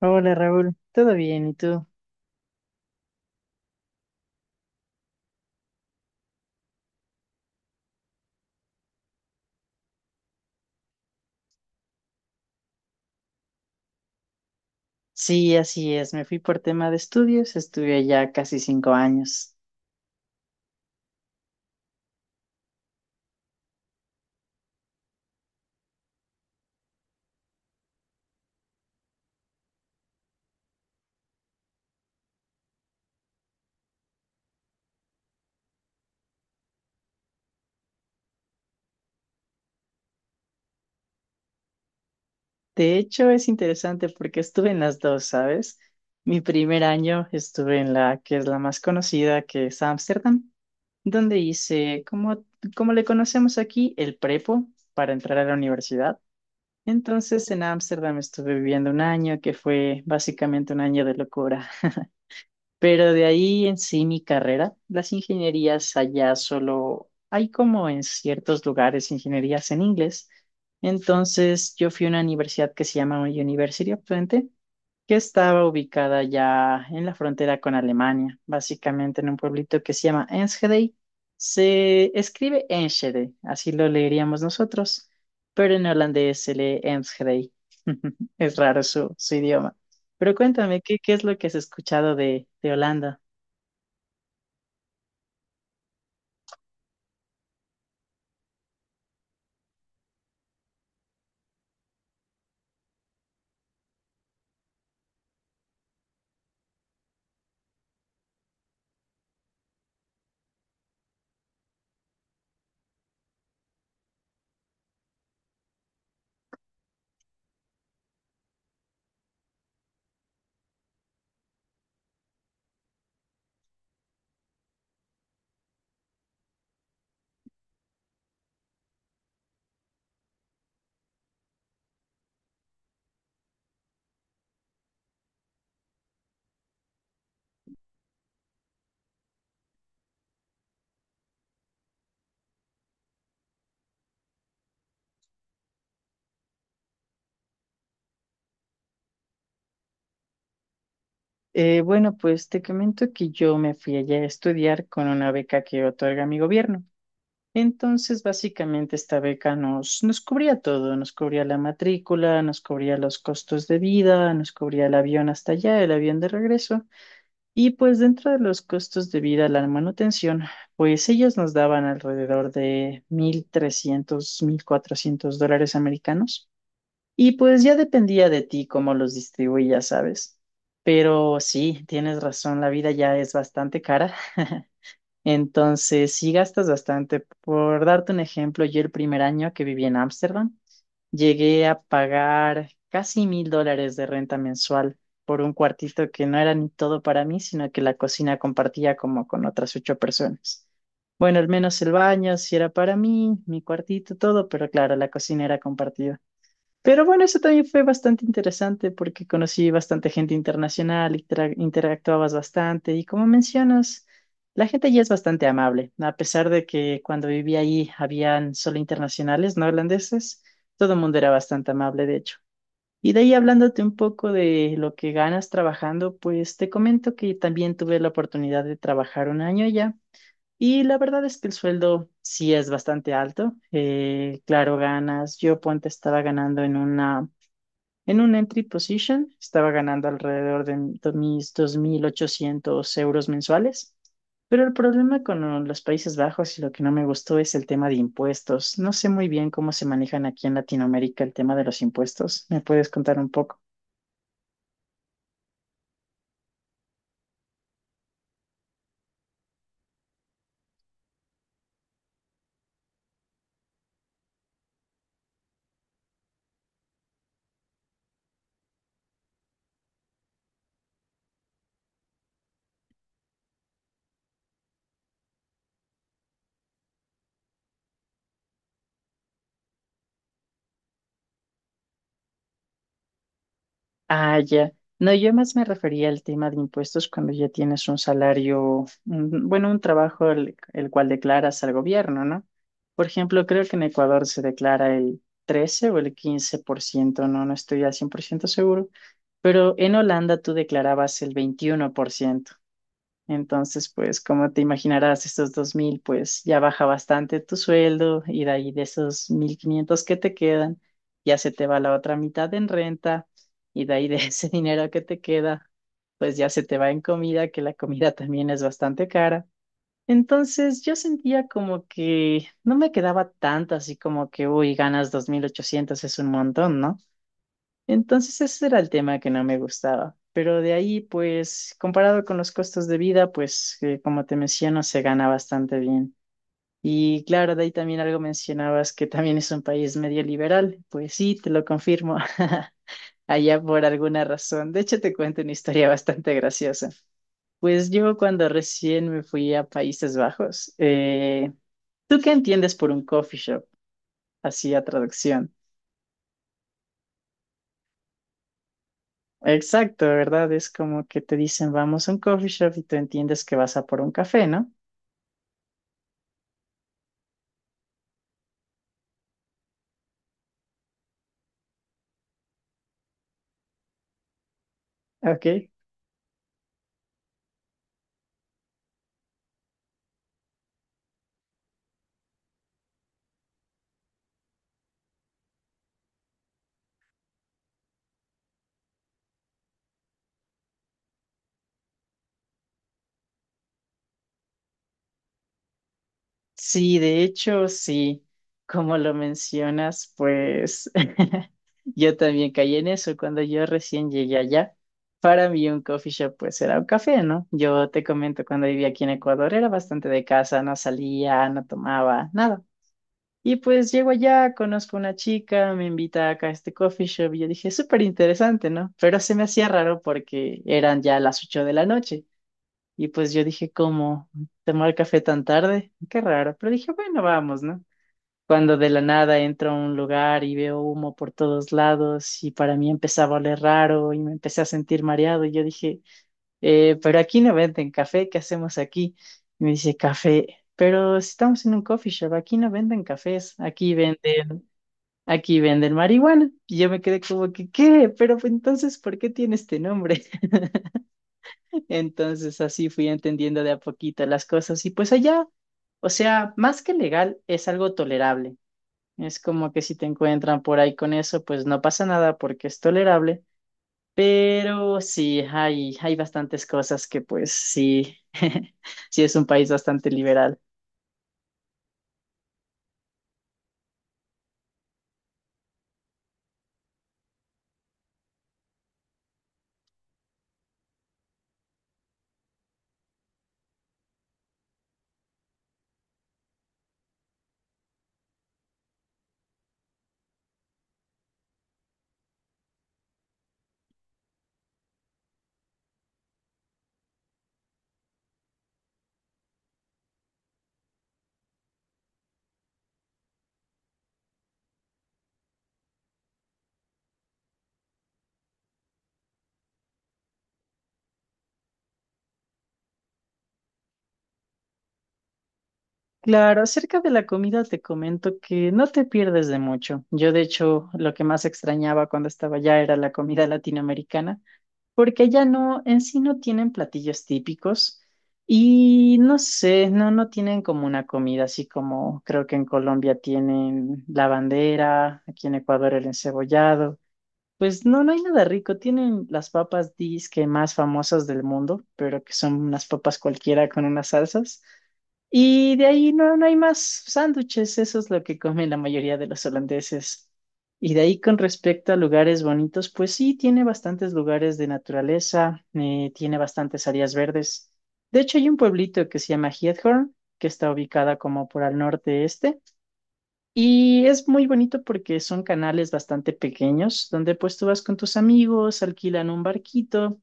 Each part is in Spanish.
Hola Raúl, ¿todo bien? ¿Y tú? Sí, así es. Me fui por tema de estudios, estuve allá casi 5 años. De hecho, es interesante porque estuve en las dos, ¿sabes? Mi primer año estuve en la que es la más conocida, que es Ámsterdam, donde hice, como, como le conocemos aquí, el prepo para entrar a la universidad. Entonces, en Ámsterdam estuve viviendo un año que fue básicamente un año de locura. Pero de ahí en sí mi carrera, las ingenierías allá solo hay como en ciertos lugares ingenierías en inglés. Entonces yo fui a una universidad que se llama University of Twente que estaba ubicada ya en la frontera con Alemania, básicamente en un pueblito que se llama Enschede. Se escribe Enschede, así lo leeríamos nosotros, pero en holandés se lee Enschede. Es raro su idioma. Pero cuéntame, ¿qué es lo que has escuchado de Holanda? Bueno, pues te comento que yo me fui allá a estudiar con una beca que otorga mi gobierno. Entonces, básicamente esta beca nos cubría todo, nos cubría la matrícula, nos cubría los costos de vida, nos cubría el avión hasta allá, el avión de regreso. Y pues dentro de los costos de vida, la manutención, pues ellos nos daban alrededor de 1300, 1400 dólares americanos. Y pues ya dependía de ti cómo los distribuías, ¿sabes? Pero sí, tienes razón, la vida ya es bastante cara. Entonces, sí gastas bastante. Por darte un ejemplo, yo el primer año que viví en Ámsterdam, llegué a pagar casi $1000 de renta mensual por un cuartito que no era ni todo para mí, sino que la cocina compartía como con otras ocho personas. Bueno, al menos el baño sí era para mí, mi cuartito, todo, pero claro, la cocina era compartida. Pero bueno, eso también fue bastante interesante porque conocí bastante gente internacional, interactuabas bastante y como mencionas, la gente allí es bastante amable, a pesar de que cuando viví allí habían solo internacionales, no holandeses, todo el mundo era bastante amable, de hecho. Y de ahí hablándote un poco de lo que ganas trabajando, pues te comento que también tuve la oportunidad de trabajar un año allá y la verdad es que el sueldo sí es bastante alto. Claro, ganas, yo ponte estaba ganando en un entry position estaba ganando alrededor de mis 2800 euros mensuales, pero el problema con los Países Bajos y lo que no me gustó es el tema de impuestos. No sé muy bien cómo se manejan aquí en Latinoamérica el tema de los impuestos. ¿Me puedes contar un poco? Ah, ya. No, yo más me refería al tema de impuestos cuando ya tienes un salario, bueno, un trabajo el cual declaras al gobierno, ¿no? Por ejemplo, creo que en Ecuador se declara el 13 o el 15%. No estoy al 100% seguro, pero en Holanda tú declarabas el 21%. Entonces, pues como te imaginarás, estos 2000 pues ya baja bastante tu sueldo y de ahí de esos 1500 que te quedan, ya se te va la otra mitad en renta y de ahí de ese dinero que te queda, pues ya se te va en comida, que la comida también es bastante cara. Entonces yo sentía como que no me quedaba tanto, así como que, uy, ganas 2800 es un montón, ¿no? Entonces ese era el tema que no me gustaba. Pero de ahí, pues, comparado con los costos de vida, pues, como te menciono, se gana bastante bien. Y claro, de ahí también algo mencionabas que también es un país medio liberal. Pues sí, te lo confirmo. Allá por alguna razón. De hecho, te cuento una historia bastante graciosa. Pues yo cuando recién me fui a Países Bajos, ¿tú qué entiendes por un coffee shop? Así a traducción. Exacto, ¿verdad? Es como que te dicen, vamos a un coffee shop y tú entiendes que vas a por un café, ¿no? Ok. Sí, de hecho, sí, como lo mencionas, pues yo también caí en eso cuando yo recién llegué allá. Para mí un coffee shop pues era un café, ¿no? Yo te comento, cuando vivía aquí en Ecuador era bastante de casa, no salía, no tomaba, nada. Y pues llego allá, conozco una chica, me invita acá a este coffee shop y yo dije, súper interesante, ¿no? Pero se me hacía raro porque eran ya las 8 de la noche. Y pues yo dije, ¿cómo tomar café tan tarde? Qué raro. Pero dije, bueno, vamos, ¿no? Cuando de la nada entro a un lugar y veo humo por todos lados y para mí empezaba a oler raro y me empecé a sentir mareado y yo dije, pero aquí no venden café, ¿qué hacemos aquí?" Y me dice, café. Pero si estamos en un coffee shop, aquí no venden cafés, aquí venden marihuana. Y yo me quedé como que, ¿qué? Pero pues, entonces, ¿por qué tiene este nombre? Entonces, así fui entendiendo de a poquito las cosas. Y pues allá, o sea, más que legal, es algo tolerable. Es como que si te encuentran por ahí con eso, pues no pasa nada porque es tolerable. Pero sí, hay bastantes cosas que pues sí, sí es un país bastante liberal. Claro, acerca de la comida te comento que no te pierdes de mucho. Yo, de hecho, lo que más extrañaba cuando estaba allá era la comida latinoamericana, porque allá no, en sí no tienen platillos típicos y no sé, no tienen como una comida así como creo que en Colombia tienen la bandera, aquí en Ecuador el encebollado. Pues no, no hay nada rico. Tienen las papas disque más famosas del mundo, pero que son unas papas cualquiera con unas salsas. Y de ahí no, no hay más sándwiches, eso es lo que comen la mayoría de los holandeses. Y de ahí con respecto a lugares bonitos, pues sí, tiene bastantes lugares de naturaleza, tiene bastantes áreas verdes. De hecho, hay un pueblito que se llama Giethoorn, que está ubicada como por al norte-este. Y es muy bonito porque son canales bastante pequeños, donde pues tú vas con tus amigos, alquilan un barquito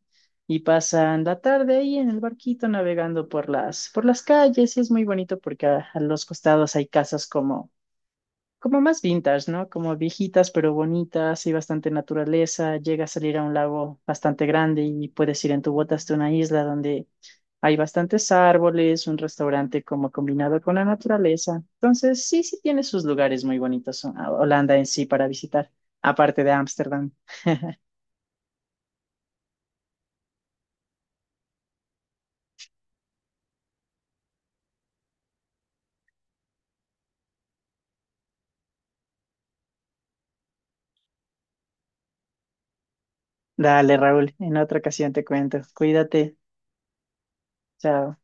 y pasan la tarde ahí en el barquito navegando por las calles. Y es muy bonito porque a los costados hay casas como más vintage, ¿no? Como viejitas pero bonitas y bastante naturaleza. Llega a salir a un lago bastante grande y puedes ir en tu bota hasta una isla donde hay bastantes árboles, un restaurante como combinado con la naturaleza. Entonces, sí, sí tiene sus lugares muy bonitos Holanda en sí para visitar, aparte de Ámsterdam. Dale, Raúl, en otra ocasión te cuento. Cuídate. Chao.